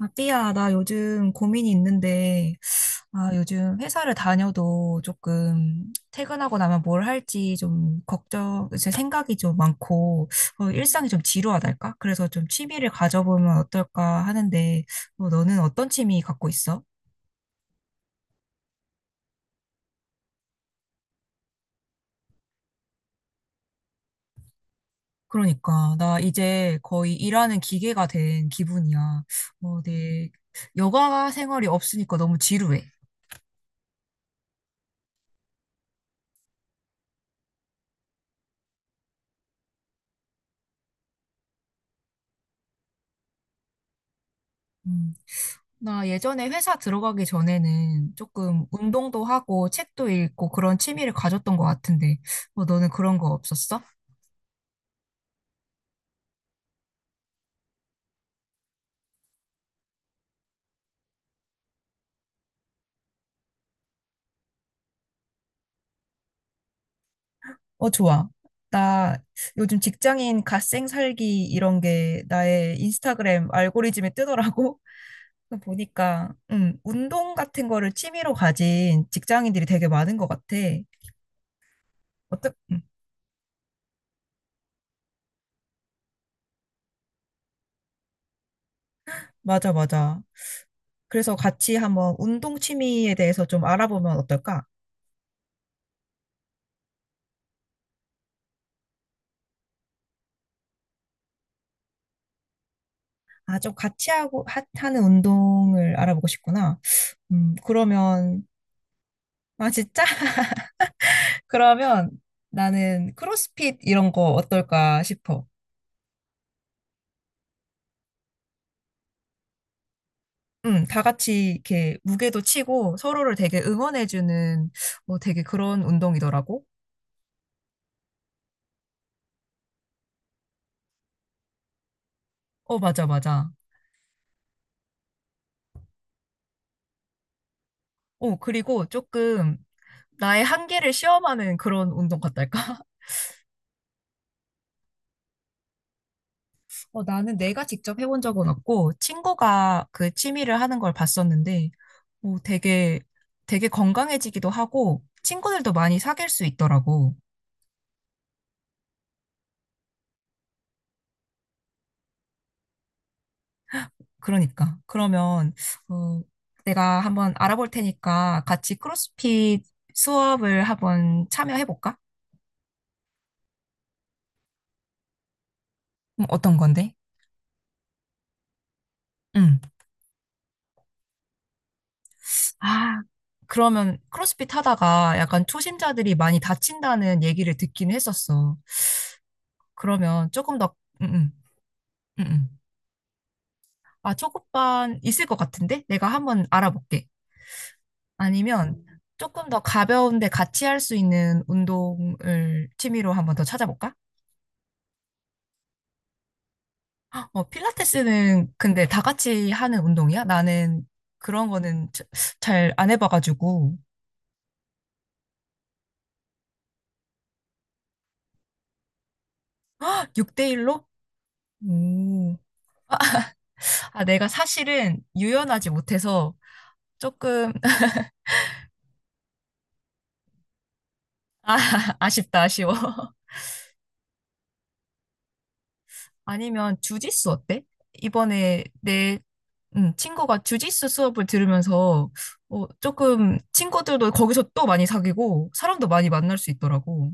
아, 삐야, 나 요즘 고민이 있는데, 아, 요즘 회사를 다녀도 조금 퇴근하고 나면 뭘 할지 좀 걱정, 제 생각이 좀 많고, 어, 일상이 좀 지루하달까? 그래서 좀 취미를 가져보면 어떨까 하는데, 어, 너는 어떤 취미 갖고 있어? 그러니까, 나 이제 거의 일하는 기계가 된 기분이야. 어, 내 여가 생활이 없으니까 너무 지루해. 음. 나 예전에 회사 들어가기 전에는 조금 운동도 하고 책도 읽고 그런 취미를 가졌던 것 같은데, 뭐 너는 그런 거 없었어? 어, 좋아. 나 요즘 직장인 갓생 살기 이런 게 나의 인스타그램 알고리즘에 뜨더라고. 그거 보니까, 운동 같은 거를 취미로 가진 직장인들이 되게 많은 것 같아. 어떠, 음, 맞아, 맞아. 그래서 같이 한번 운동 취미에 대해서 좀 알아보면 어떨까? 아, 좀 같이 하고, 하는 운동을 알아보고 싶구나. 그러면, 아, 진짜? 그러면 나는 크로스핏 이런 거 어떨까 싶어. 다 같이 이렇게 무게도 치고 서로를 되게 응원해주는 뭐 되게 그런 운동이더라고. 어, 맞아, 맞아. 어, 그리고 조금 나의 한계를 시험하는 그런 운동 같달까? 어, 나는 내가 직접 해본 적은 없고, 친구가 그 취미를 하는 걸 봤었는데, 어, 되게, 되게 건강해지기도 하고, 친구들도 많이 사귈 수 있더라고. 그러니까. 그러면, 어, 내가 한번 알아볼 테니까 같이 크로스핏 수업을 한번 참여해볼까? 어떤 건데? 응. 아, 그러면 크로스핏 하다가 약간 초심자들이 많이 다친다는 얘기를 듣긴 했었어. 그러면 조금 더, 응응 응응. 아, 초급반 있을 것 같은데? 내가 한번 알아볼게. 아니면 조금 더 가벼운데 같이 할 수 있는 운동을 취미로 한번 더 찾아볼까? 어, 필라테스는 근데 다 같이 하는 운동이야? 나는 그런 거는 잘 안 해봐가지고. 6대1로? 오. 아, 내가 사실은 유연하지 못해서 조금, 아, 아쉽다, 아쉬워. 아니면 주짓수 어때? 이번에 내 친구가 주짓수 수업을 들으면서 어, 조금 친구들도 거기서 또 많이 사귀고 사람도 많이 만날 수 있더라고.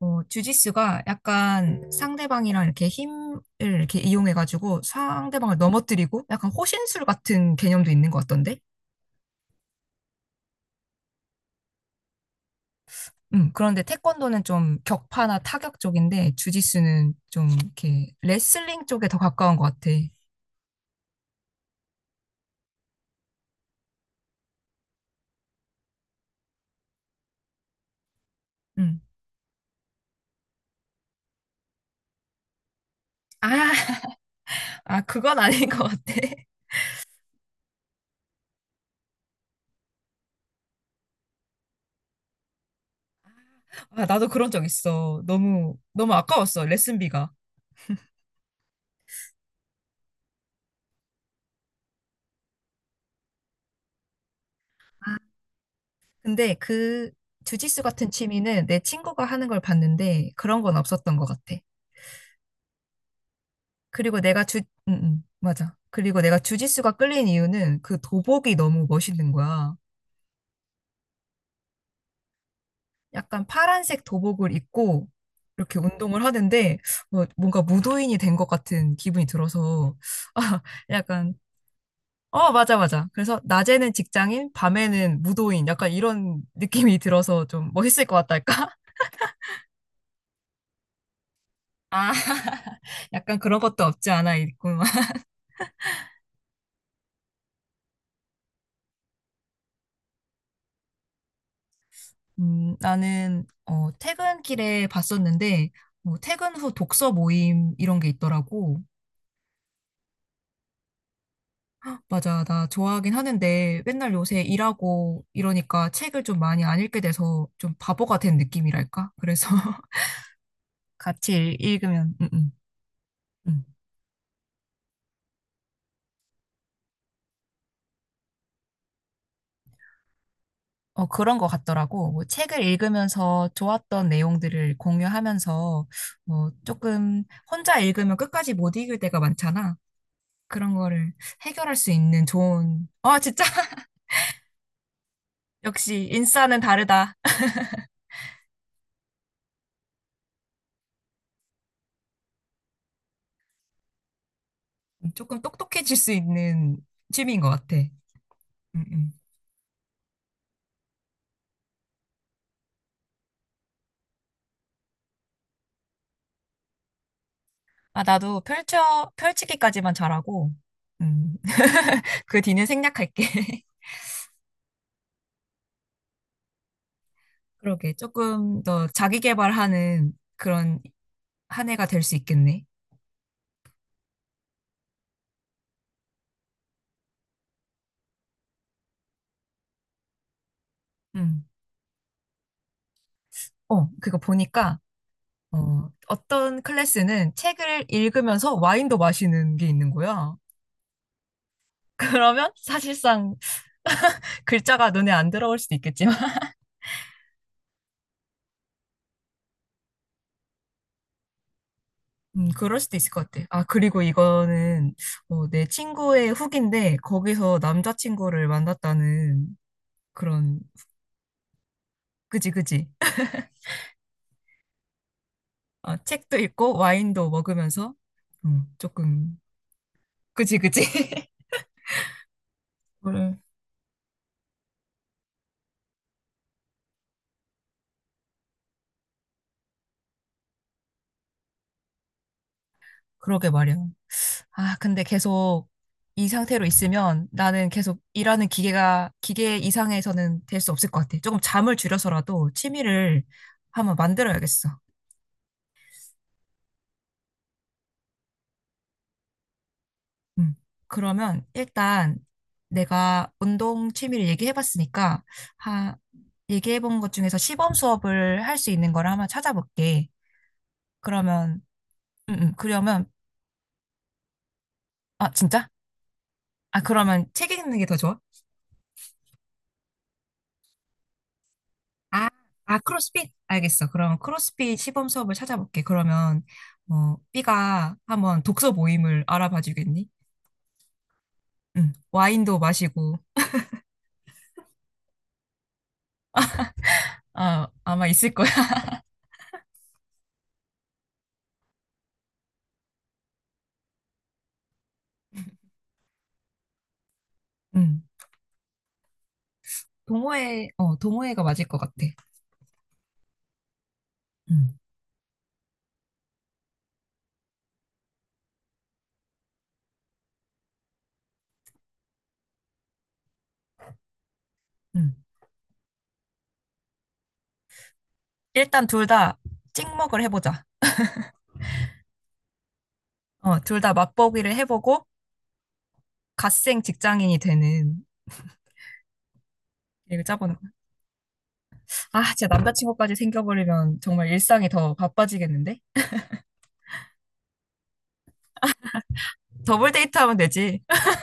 어, 주짓수가 약간 상대방이랑 이렇게 힘을 이렇게 이용해가지고 상대방을 넘어뜨리고 약간 호신술 같은 개념도 있는 것 같던데? 그런데 태권도는 좀 격파나 타격 쪽인데 주짓수는 좀 이렇게 레슬링 쪽에 더 가까운 것 같아. 음. 아, 아, 그건 아닌 것 같아. 아, 나도 그런 적 있어. 너무, 너무 아까웠어, 레슨비가. 아, 근데 그 주짓수 같은 취미는 내 친구가 하는 걸 봤는데 그런 건 없었던 것 같아. 그리고 내가 응, 응, 맞아. 그리고 내가 주짓수가 끌린 이유는 그 도복이 너무 멋있는 거야. 약간 파란색 도복을 입고 이렇게 운동을 하는데 뭐 뭔가 무도인이 된 것 같은 기분이 들어서 아, 약간 어, 맞아, 맞아. 그래서 낮에는 직장인, 밤에는 무도인, 약간 이런 느낌이 들어서 좀 멋있을 것 같달까? 아, 약간 그런 것도 없지 않아 있구만. 나는 어, 퇴근길에 봤었는데 뭐 퇴근 후 독서 모임 이런 게 있더라고. 맞아, 나 좋아하긴 하는데 맨날 요새 일하고 이러니까 책을 좀 많이 안 읽게 돼서 좀 바보가 된 느낌이랄까? 그래서 같이 읽으면 음. 어, 그런 것 같더라고. 뭐 책을 읽으면서 좋았던 내용들을 공유하면서 뭐 조금 혼자 읽으면 끝까지 못 읽을 때가 많잖아. 그런 거를 해결할 수 있는 좋은, 아, 진짜 역시 인싸는 다르다. 조금 똑똑해질 수 있는 취미인 것 같아. 음, 음. 아, 나도 펼쳐, 펼치기까지만 잘하고, 음, 그 뒤는 생략할게. 그러게. 조금 더 자기 개발하는 그런 한 해가 될 수 있겠네. 음. 어, 그거 보니까 어, 어떤 클래스는 책을 읽으면서 와인도 마시는 게 있는 거야. 그러면 사실상 글자가 눈에 안 들어올 수도 있겠지만, 그럴 수도 있을 것 같아. 아, 그리고 이거는 어, 내 친구의 후기인데, 거기서 남자친구를 만났다는 그런, 그지, 그지. 아, 책도 읽고 와인도 먹으면서, 조금, 그지, 그지. 그래, 그러게 말이야. 아, 근데 계속 이 상태로 있으면 나는 계속 일하는 기계 이상에서는 될 수 없을 것 같아. 조금 잠을 줄여서라도 취미를 한번 만들어야겠어. 음. 그러면 일단 내가 운동 취미를 얘기해봤으니까, 하, 얘기해본 것 중에서 시범 수업을 할 수 있는 걸 한번 찾아볼게. 그러면, 음, 음, 그러면, 아, 진짜? 아, 그러면 책 읽는 게 더 좋아? 아, 크로스핏? 알겠어. 그럼 크로스핏 시범 수업을 찾아볼게. 그러면, 어, B가 한번 독서 모임을 알아봐 주겠니? 응. 와인도 마시고, 아, 아마 있을 거야. 응. 동호회가 맞을 것 같아. 응, 응. 일단 둘 다 찍먹을 해보자. 어, 둘 다 맛보기를 해보고, 갓생 직장인이 되는, 계획을 짜보는 거. 아, 진짜 남자친구까지 생겨버리면 정말 일상이 더 바빠지겠는데? 더블 데이트 하면 되지.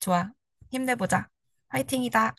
좋아. 힘내보자. 화이팅이다.